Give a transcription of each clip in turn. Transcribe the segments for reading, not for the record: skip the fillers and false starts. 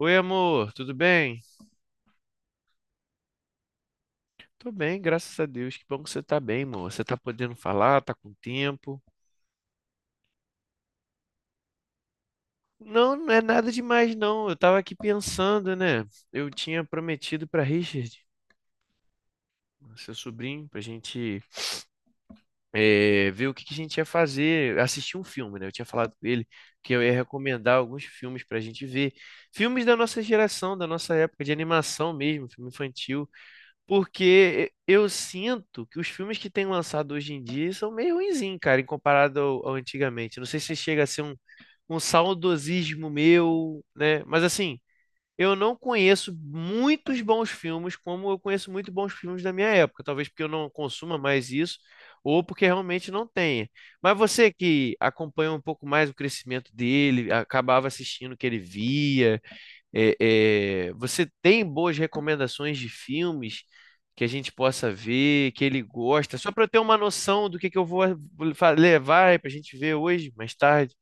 Oi, amor, tudo bem? Tô bem, graças a Deus. Que bom que você tá bem, amor. Você tá podendo falar, tá com tempo? Não, não é nada demais, não. Eu tava aqui pensando, né? Eu tinha prometido pra Richard, seu sobrinho, pra gente ver o que que a gente ia fazer, assistir um filme, né? Eu tinha falado com ele que eu ia recomendar alguns filmes pra gente ver. Filmes da nossa geração, da nossa época de animação mesmo, filme infantil. Porque eu sinto que os filmes que têm lançado hoje em dia são meio ruinzinhos, cara, em comparado ao antigamente. Não sei se chega a ser um, um saudosismo meu, né? Mas assim, eu não conheço muitos bons filmes como eu conheço muito bons filmes da minha época. Talvez porque eu não consuma mais isso, ou porque realmente não tenha. Mas você que acompanha um pouco mais o crescimento dele, acabava assistindo o que ele via. Você tem boas recomendações de filmes que a gente possa ver, que ele gosta, só para eu ter uma noção do que eu vou levar para a gente ver hoje, mais tarde.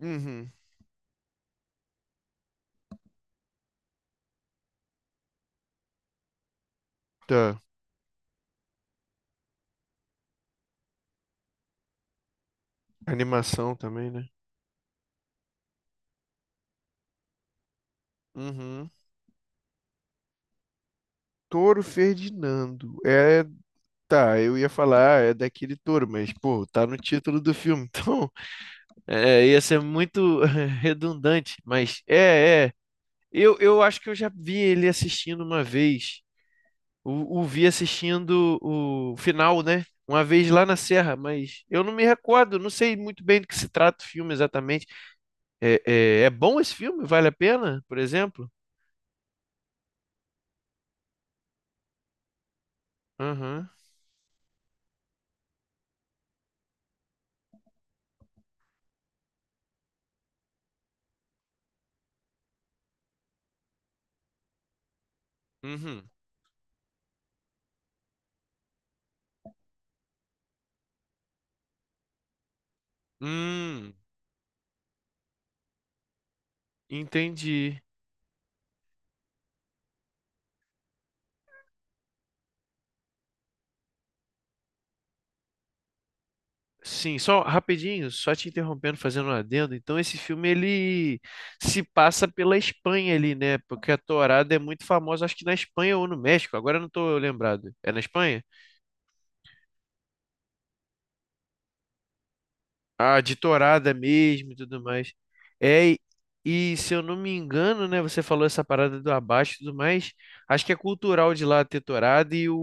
Uhum. Tá. Animação também, né? Uhum. Touro Ferdinando. É, tá, eu ia falar, é daquele touro, mas, pô, tá no título do filme, então. É, ia ser muito redundante, mas é, é. Eu acho que eu já vi ele assistindo uma vez. O vi assistindo o final, né? Uma vez lá na Serra, mas eu não me recordo, não sei muito bem do que se trata o filme exatamente. É, é, é bom esse filme? Vale a pena, por exemplo? Aham. Uhum. Hum, entendi. Sim, só rapidinho, só te interrompendo, fazendo um adendo. Então, esse filme ele se passa pela Espanha ali, né? Porque a tourada é muito famosa, acho que na Espanha ou no México. Agora eu não estou lembrado. É na Espanha? A de tourada mesmo e tudo mais. É, e se eu não me engano, né, você falou essa parada do abate e tudo mais, acho que é cultural de lá ter tourada e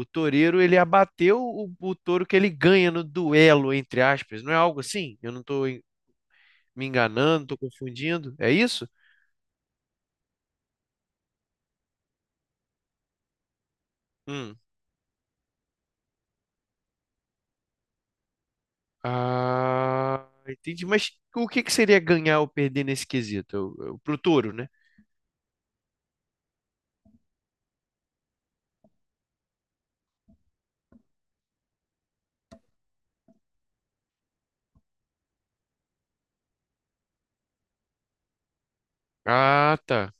o toureiro, ele abateu o touro que ele ganha no duelo, entre aspas, não é algo assim? Eu não tô me enganando, tô confundindo, é isso? Hum. Ah, entendi, mas o que que seria ganhar ou perder nesse quesito? Pro touro, né? Ah, tá.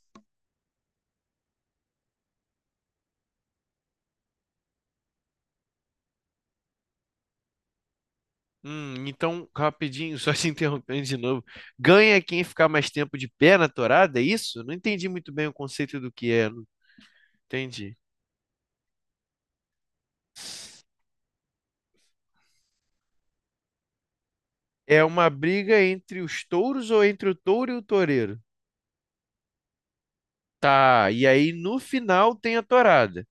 Então, rapidinho, só te interrompendo de novo. Ganha quem ficar mais tempo de pé na torada, é isso? Não entendi muito bem o conceito do que é, não entendi. É uma briga entre os touros ou entre o touro e o toureiro? Tá, e aí no final tem a torada.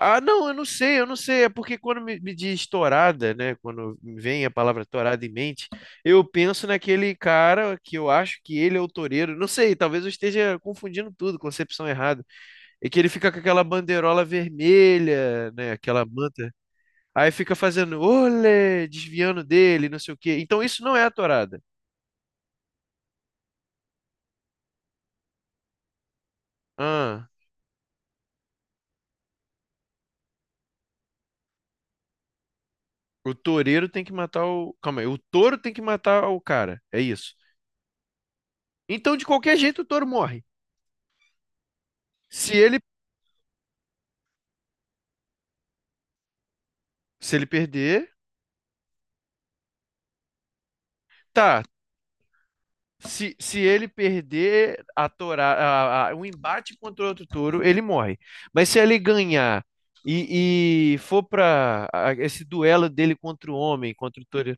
Ah, não, eu não sei, eu não sei. É porque quando me diz torada, né? Quando me vem a palavra torada em mente, eu penso naquele cara que eu acho que ele é o toureiro. Não sei, talvez eu esteja confundindo tudo, concepção errada. E que ele fica com aquela bandeirola vermelha, né? Aquela manta. Aí fica fazendo olé, desviando dele, não sei o quê. Então isso não é a tourada. Ah, o toureiro tem que matar o. Calma aí, o touro tem que matar o cara. É isso. Então, de qualquer jeito, o touro morre. Se ele, se ele perder, tá. Se ele perder a toura, um embate contra outro touro, ele morre. Mas se ele ganhar e for para esse duelo dele contra o homem, contra o touro.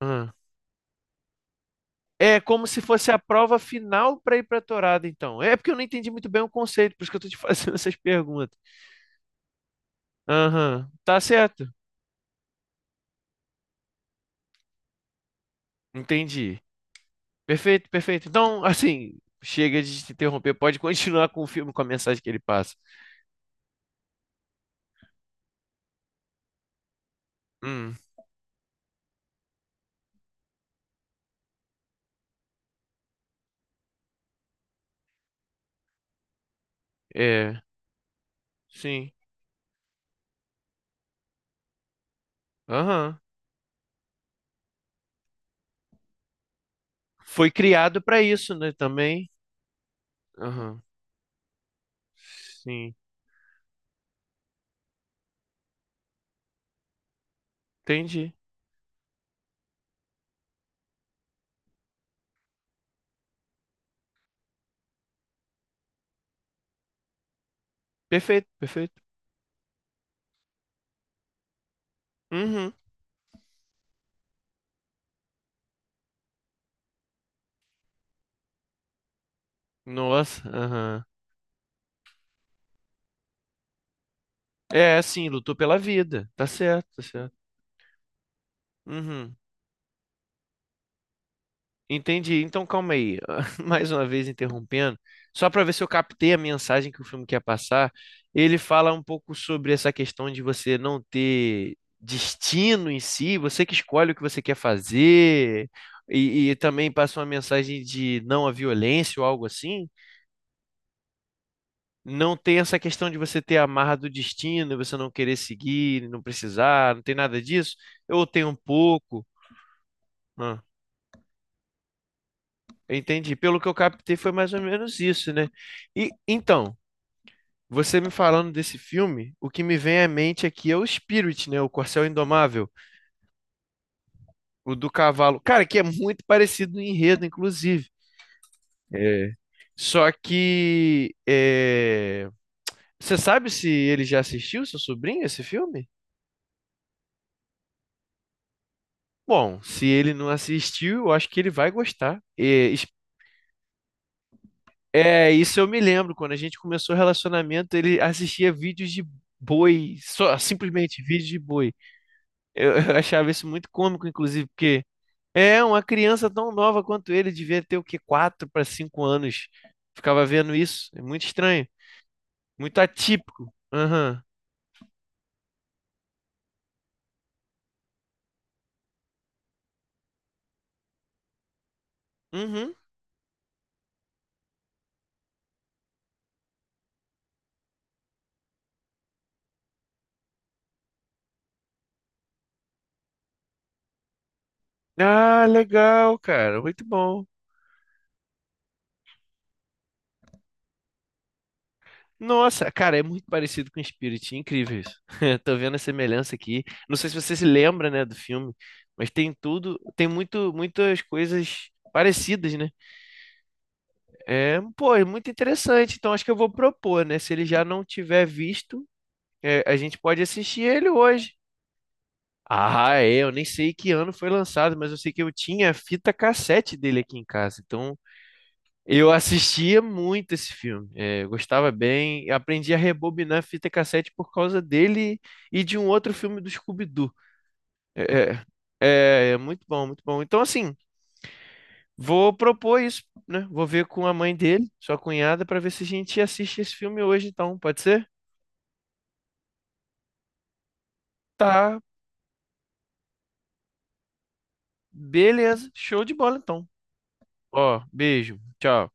Ah. É como se fosse a prova final para ir para Torada, então. É porque eu não entendi muito bem o conceito, por isso que eu tô te fazendo essas perguntas. Aham, tá certo. Entendi. Perfeito, perfeito. Então, assim, chega de te interromper, pode continuar com o filme, com a mensagem que ele passa. Hum, é, sim. Aham. Foi criado para isso, né, também. Aham. Sim, entendi. Perfeito, perfeito. Uhum. Nossa, aham. É, sim, lutou pela vida. Tá certo, tá certo. Uhum. Entendi. Então, calma aí. Mais uma vez interrompendo, só para ver se eu captei a mensagem que o filme quer passar. Ele fala um pouco sobre essa questão de você não ter destino em si, você que escolhe o que você quer fazer, e também passa uma mensagem de não à violência ou algo assim. Não tem essa questão de você ter a marra do destino, você não querer seguir, não precisar, não tem nada disso. Eu tenho um pouco. Entendi. Pelo que eu captei, foi mais ou menos isso, né? E então, você me falando desse filme, o que me vem à mente aqui é o Spirit, né? O Corcel Indomável, o do cavalo. Cara, que é muito parecido no enredo, inclusive. É, só que é, você sabe se ele já assistiu, seu sobrinho, esse filme? Bom, se ele não assistiu, eu acho que ele vai gostar. É, isso eu me lembro, quando a gente começou o relacionamento, ele assistia vídeos de boi, só simplesmente vídeos de boi. Eu, eu achava isso muito cômico, inclusive, porque é uma criança tão nova quanto ele, devia ter o quê? Quatro para 5 anos. Ficava vendo isso. É muito estranho, muito atípico. Aham. Uhum. Ah, legal, cara. Muito bom. Nossa, cara, é muito parecido com Spirit, incrível isso. Tô vendo a semelhança aqui. Não sei se você se lembra, né, do filme, mas tem tudo, tem muito, muitas coisas parecidas, né? É, pô, é muito interessante. Então acho que eu vou propor, né? Se ele já não tiver visto, é, a gente pode assistir ele hoje. Ah, é, eu nem sei que ano foi lançado, mas eu sei que eu tinha a fita cassete dele aqui em casa. Então, eu assistia muito esse filme. É, eu gostava bem, aprendi a rebobinar a fita cassete por causa dele e de um outro filme do Scooby-Doo. É, é, é, é muito bom, muito bom. Então, assim, vou propor isso, né? Vou ver com a mãe dele, sua cunhada, para ver se a gente assiste esse filme hoje, então. Pode ser? Tá, beleza. Show de bola, então. Ó, beijo. Tchau.